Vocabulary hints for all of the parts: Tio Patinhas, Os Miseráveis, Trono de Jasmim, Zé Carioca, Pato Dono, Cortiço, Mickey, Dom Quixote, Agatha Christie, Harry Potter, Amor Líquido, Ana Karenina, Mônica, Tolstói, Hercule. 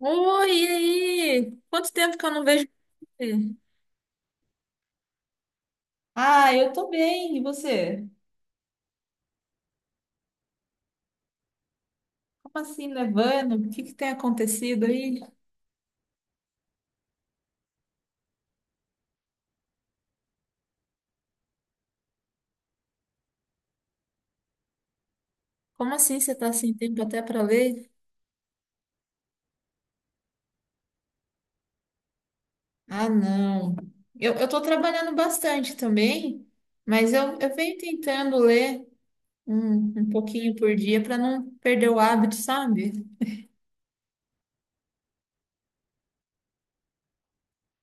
Oi, e aí? Quanto tempo que eu não vejo você? Ah, eu tô bem. E você? Como assim, nevando? O que que tem acontecido aí? Como assim você tá sem tempo até para ler? Ah, não. Eu tô trabalhando bastante também, mas eu venho tentando ler um pouquinho por dia para não perder o hábito, sabe?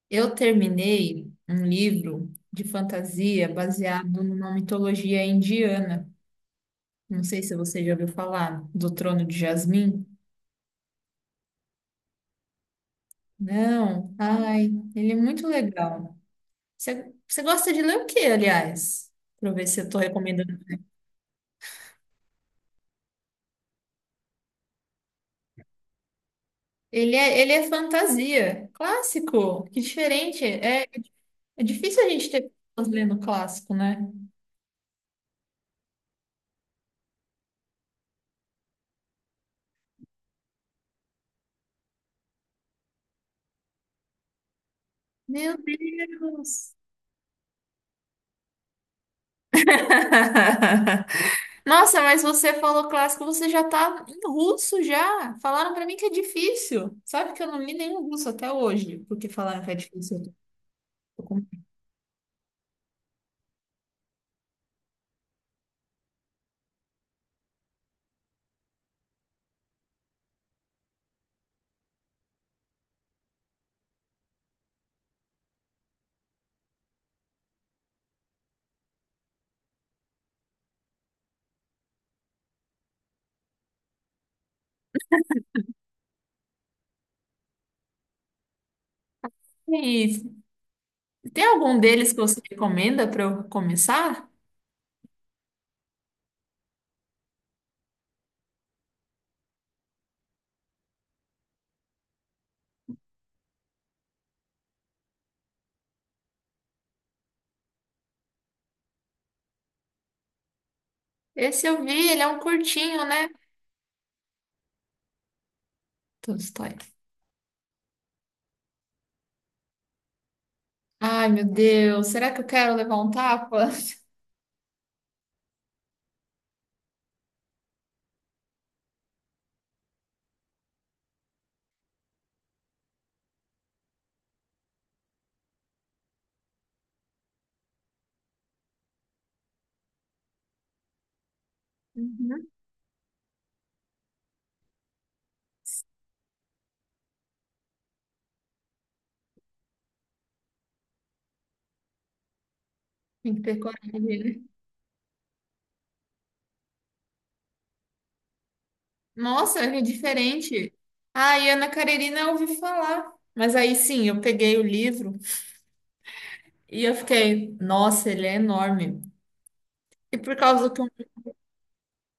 Eu terminei um livro de fantasia baseado numa mitologia indiana. Não sei se você já ouviu falar do Trono de Jasmim. Não, ai, ele é muito legal. Você gosta de ler o que, aliás? Para eu ver se eu tô recomendando. Ele é fantasia, clássico, que diferente. É, é difícil a gente ter pessoas lendo clássico, né? Meu Deus! Nossa, mas você falou clássico, você já tá em russo já. Falaram pra mim que é difícil. Sabe que eu não li nenhum russo até hoje, porque falaram que é difícil. E tem algum deles que você recomenda para eu começar? Esse eu vi, ele é um curtinho, né? Tolstói. Ai, meu Deus, será que eu quero levar um tapa? Uhum. Tem que ter coragem, né? Nossa, é diferente. Ah, e Ana Karenina eu ouvi falar. Mas aí sim, eu peguei o livro e eu fiquei, nossa, ele é enorme. E por causa do que.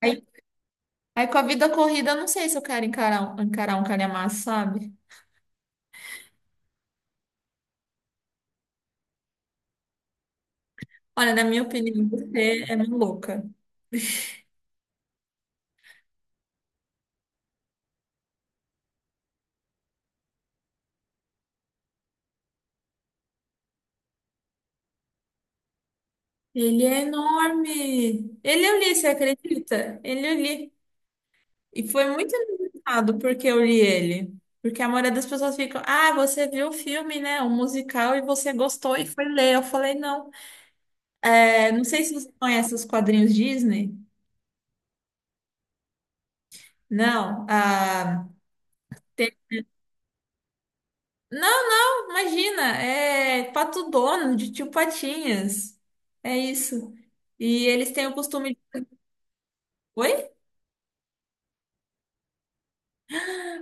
Aí, aí com a vida corrida, eu não sei se eu quero encarar um calhamaço, sabe? Olha, na minha opinião, você é maluca. Ele é enorme. Ele eu li, você acredita? Ele eu li. E foi muito engraçado porque eu li ele. Porque a maioria das pessoas ficam, ah, você viu o filme, né? O musical e você gostou e foi ler. Eu falei, não. É, não sei se você conhece os quadrinhos Disney. Não. Ah, tem- Não, imagina. É Pato Dono, de Tio Patinhas. É isso. E eles têm o costume de... Oi?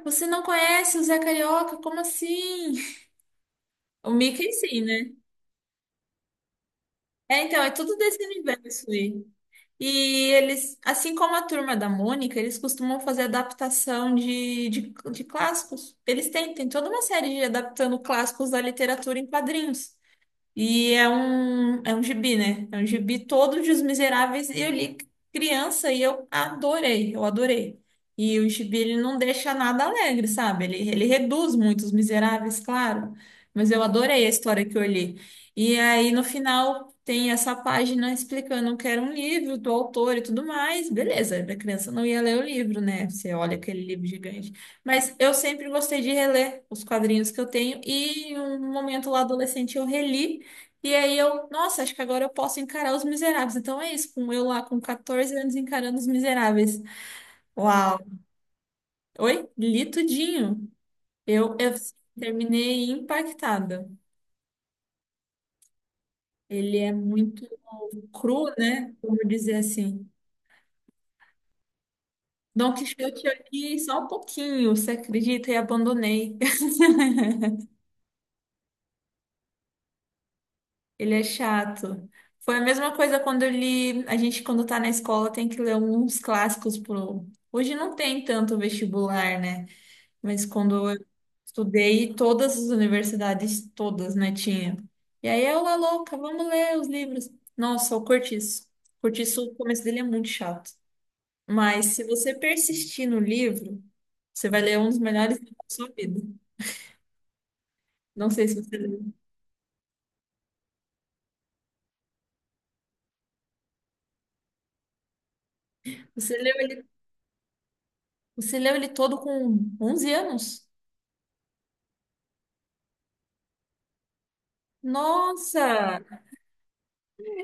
Você não conhece o Zé Carioca? Como assim? O Mickey sim, né? É, então, é tudo desse universo aí. E eles, assim como a turma da Mônica, eles costumam fazer adaptação de clássicos. Eles têm, tem toda uma série de adaptando clássicos da literatura em quadrinhos. E é um gibi, né? É um gibi todo de Os Miseráveis. E eu li criança e eu adorei, eu adorei. E o gibi, ele não deixa nada alegre, sabe? Ele reduz muito Os Miseráveis, claro. Mas eu adorei a história que eu li. E aí, no final, tem essa página explicando que era um livro do autor e tudo mais. Beleza, a criança não ia ler o livro, né? Você olha aquele livro gigante. Mas eu sempre gostei de reler os quadrinhos que eu tenho. E em um momento lá adolescente eu reli. E aí eu, nossa, acho que agora eu posso encarar Os Miseráveis. Então é isso, com eu lá com 14 anos encarando Os Miseráveis. Uau. Oi? Li tudinho. Eu terminei impactada. Ele é muito cru, né? Como dizer assim. Dom Quixote eu li só um pouquinho, você acredita? E abandonei. Ele é chato. Foi a mesma coisa quando eu li. A gente, quando tá na escola, tem que ler uns clássicos pro. Hoje não tem tanto vestibular, né? Mas quando eu estudei, todas as universidades, todas, né, tinha. E aí eu lá louca, vamos ler os livros. Nossa, o Cortiço. O Cortiço, o começo dele é muito chato. Mas se você persistir no livro, você vai ler um dos melhores livros da sua vida. Não sei se você leu. Você leu ele, você leu ele todo com 11 anos? Nossa,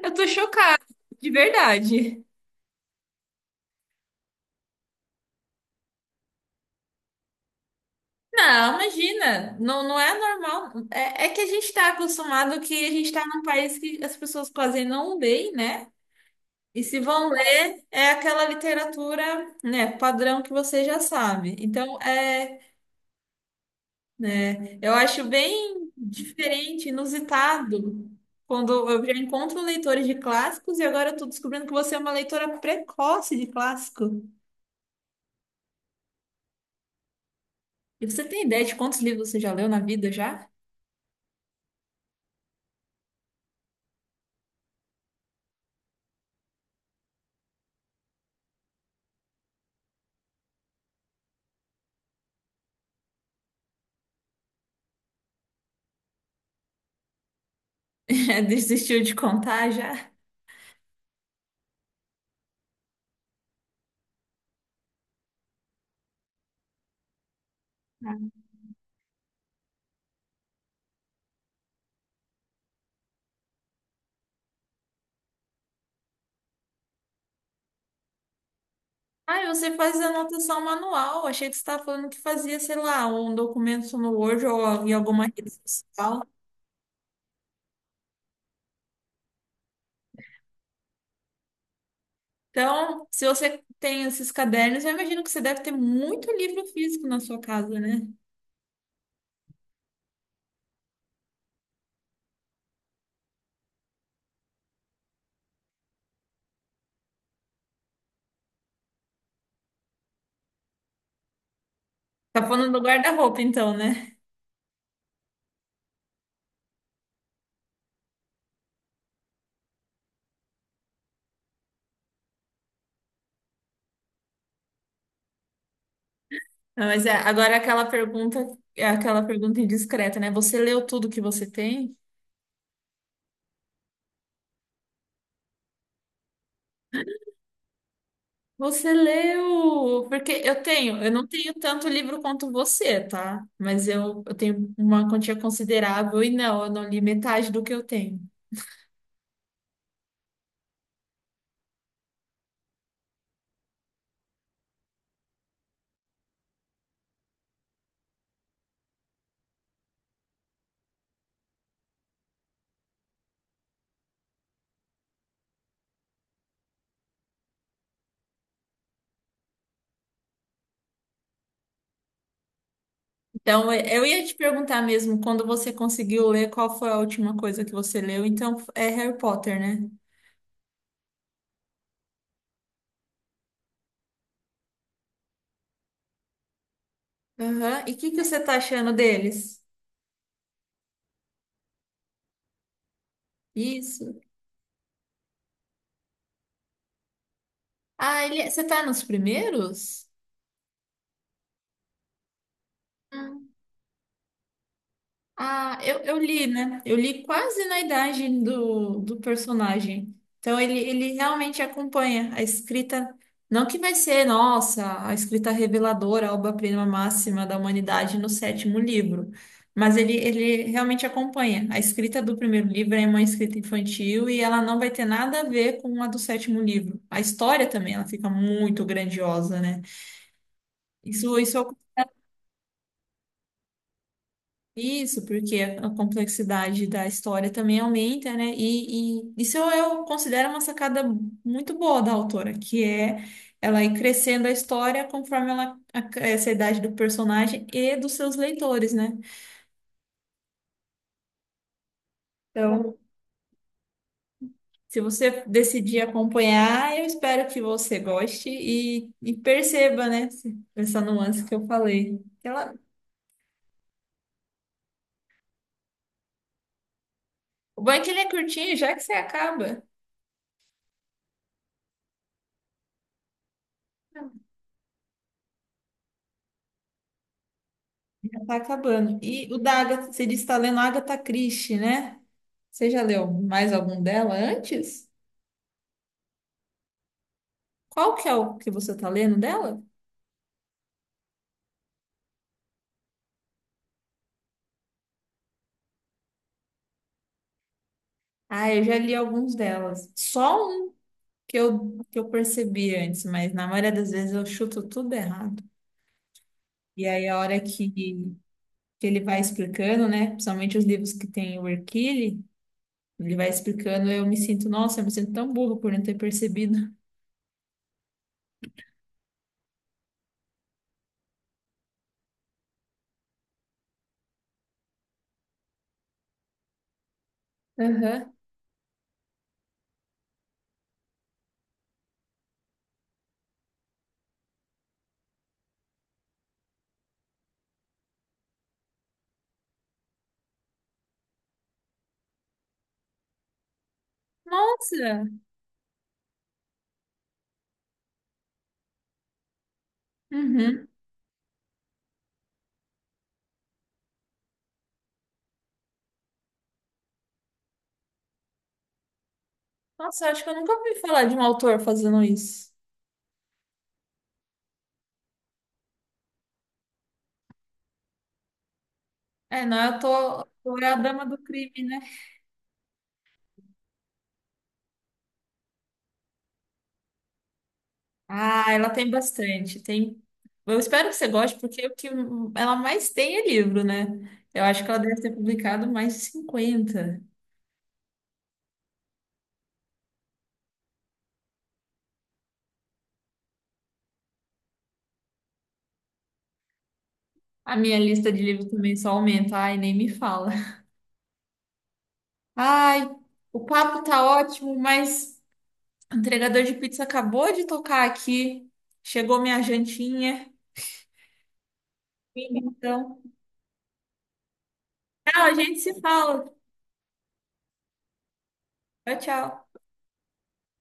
eu tô chocada, de verdade. Não, imagina, não, não é normal. É, é que a gente está acostumado que a gente está num país que as pessoas quase não leem, né? E se vão ler, é aquela literatura, né, padrão que você já sabe. Então, é, né, eu acho bem diferente, inusitado, quando eu já encontro leitores de clássicos e agora eu estou descobrindo que você é uma leitora precoce de clássico. E você tem ideia de quantos livros você já leu na vida já? Desistiu de contar já? Ah, você faz anotação manual. Achei que você estava falando que fazia, sei lá, um documento no Word ou em alguma rede social. Então, se você tem esses cadernos, eu imagino que você deve ter muito livro físico na sua casa, né? Tá falando do guarda-roupa, então, né? Não, mas é, agora aquela pergunta, é aquela pergunta indiscreta, né? Você leu tudo que você tem? Você leu? Porque eu tenho, eu não tenho tanto livro quanto você, tá? Mas eu tenho uma quantia considerável e não, eu não li metade do que eu tenho. Então, eu ia te perguntar mesmo, quando você conseguiu ler, qual foi a última coisa que você leu? Então, é Harry Potter, né? Aham. E o que que você tá achando deles? Isso. Ah, ele, é, você tá nos primeiros? Ah, eu li, né? Eu li quase na idade do personagem. Então ele realmente acompanha a escrita. Não que vai ser, nossa, a escrita reveladora, a obra-prima máxima da humanidade no sétimo livro. Mas ele realmente acompanha. A escrita do primeiro livro é uma escrita infantil e ela não vai ter nada a ver com a do sétimo livro. A história também, ela fica muito grandiosa, né? Isso, isso Isso, porque a complexidade da história também aumenta, né? E isso eu considero uma sacada muito boa da autora, que é ela ir crescendo a história conforme ela essa idade do personagem e dos seus leitores, né? Então, se você decidir acompanhar, eu espero que você goste e perceba, né? Essa nuance que eu falei. Ela, o bom é que ele é curtinho, já que você acaba. Já tá acabando. E o da Agatha, você disse que tá lendo Agatha Christie, né? Você já leu mais algum dela antes? Qual que é o que você tá lendo dela? Ah, eu já li alguns delas. Só um que eu percebi antes, mas na maioria das vezes eu chuto tudo errado. E aí a hora que ele vai explicando, né? Principalmente os livros que tem o Hercule, ele vai explicando, eu me sinto, nossa, eu me sinto tão burro por não ter percebido. Aham. Nossa! Uhum. Nossa, acho que eu nunca ouvi falar de um autor fazendo isso. É, não, eu tô é a dama do crime, né? Ah, ela tem bastante. Tem. Eu espero que você goste, porque o que ela mais tem é livro, né? Eu acho que ela deve ter publicado mais de 50. A minha lista de livros também só aumenta. Ai, nem me fala. Ai, o papo tá ótimo, mas o entregador de pizza acabou de tocar aqui. Chegou minha jantinha. Então, tchau, a gente se fala. Tchau, tchau.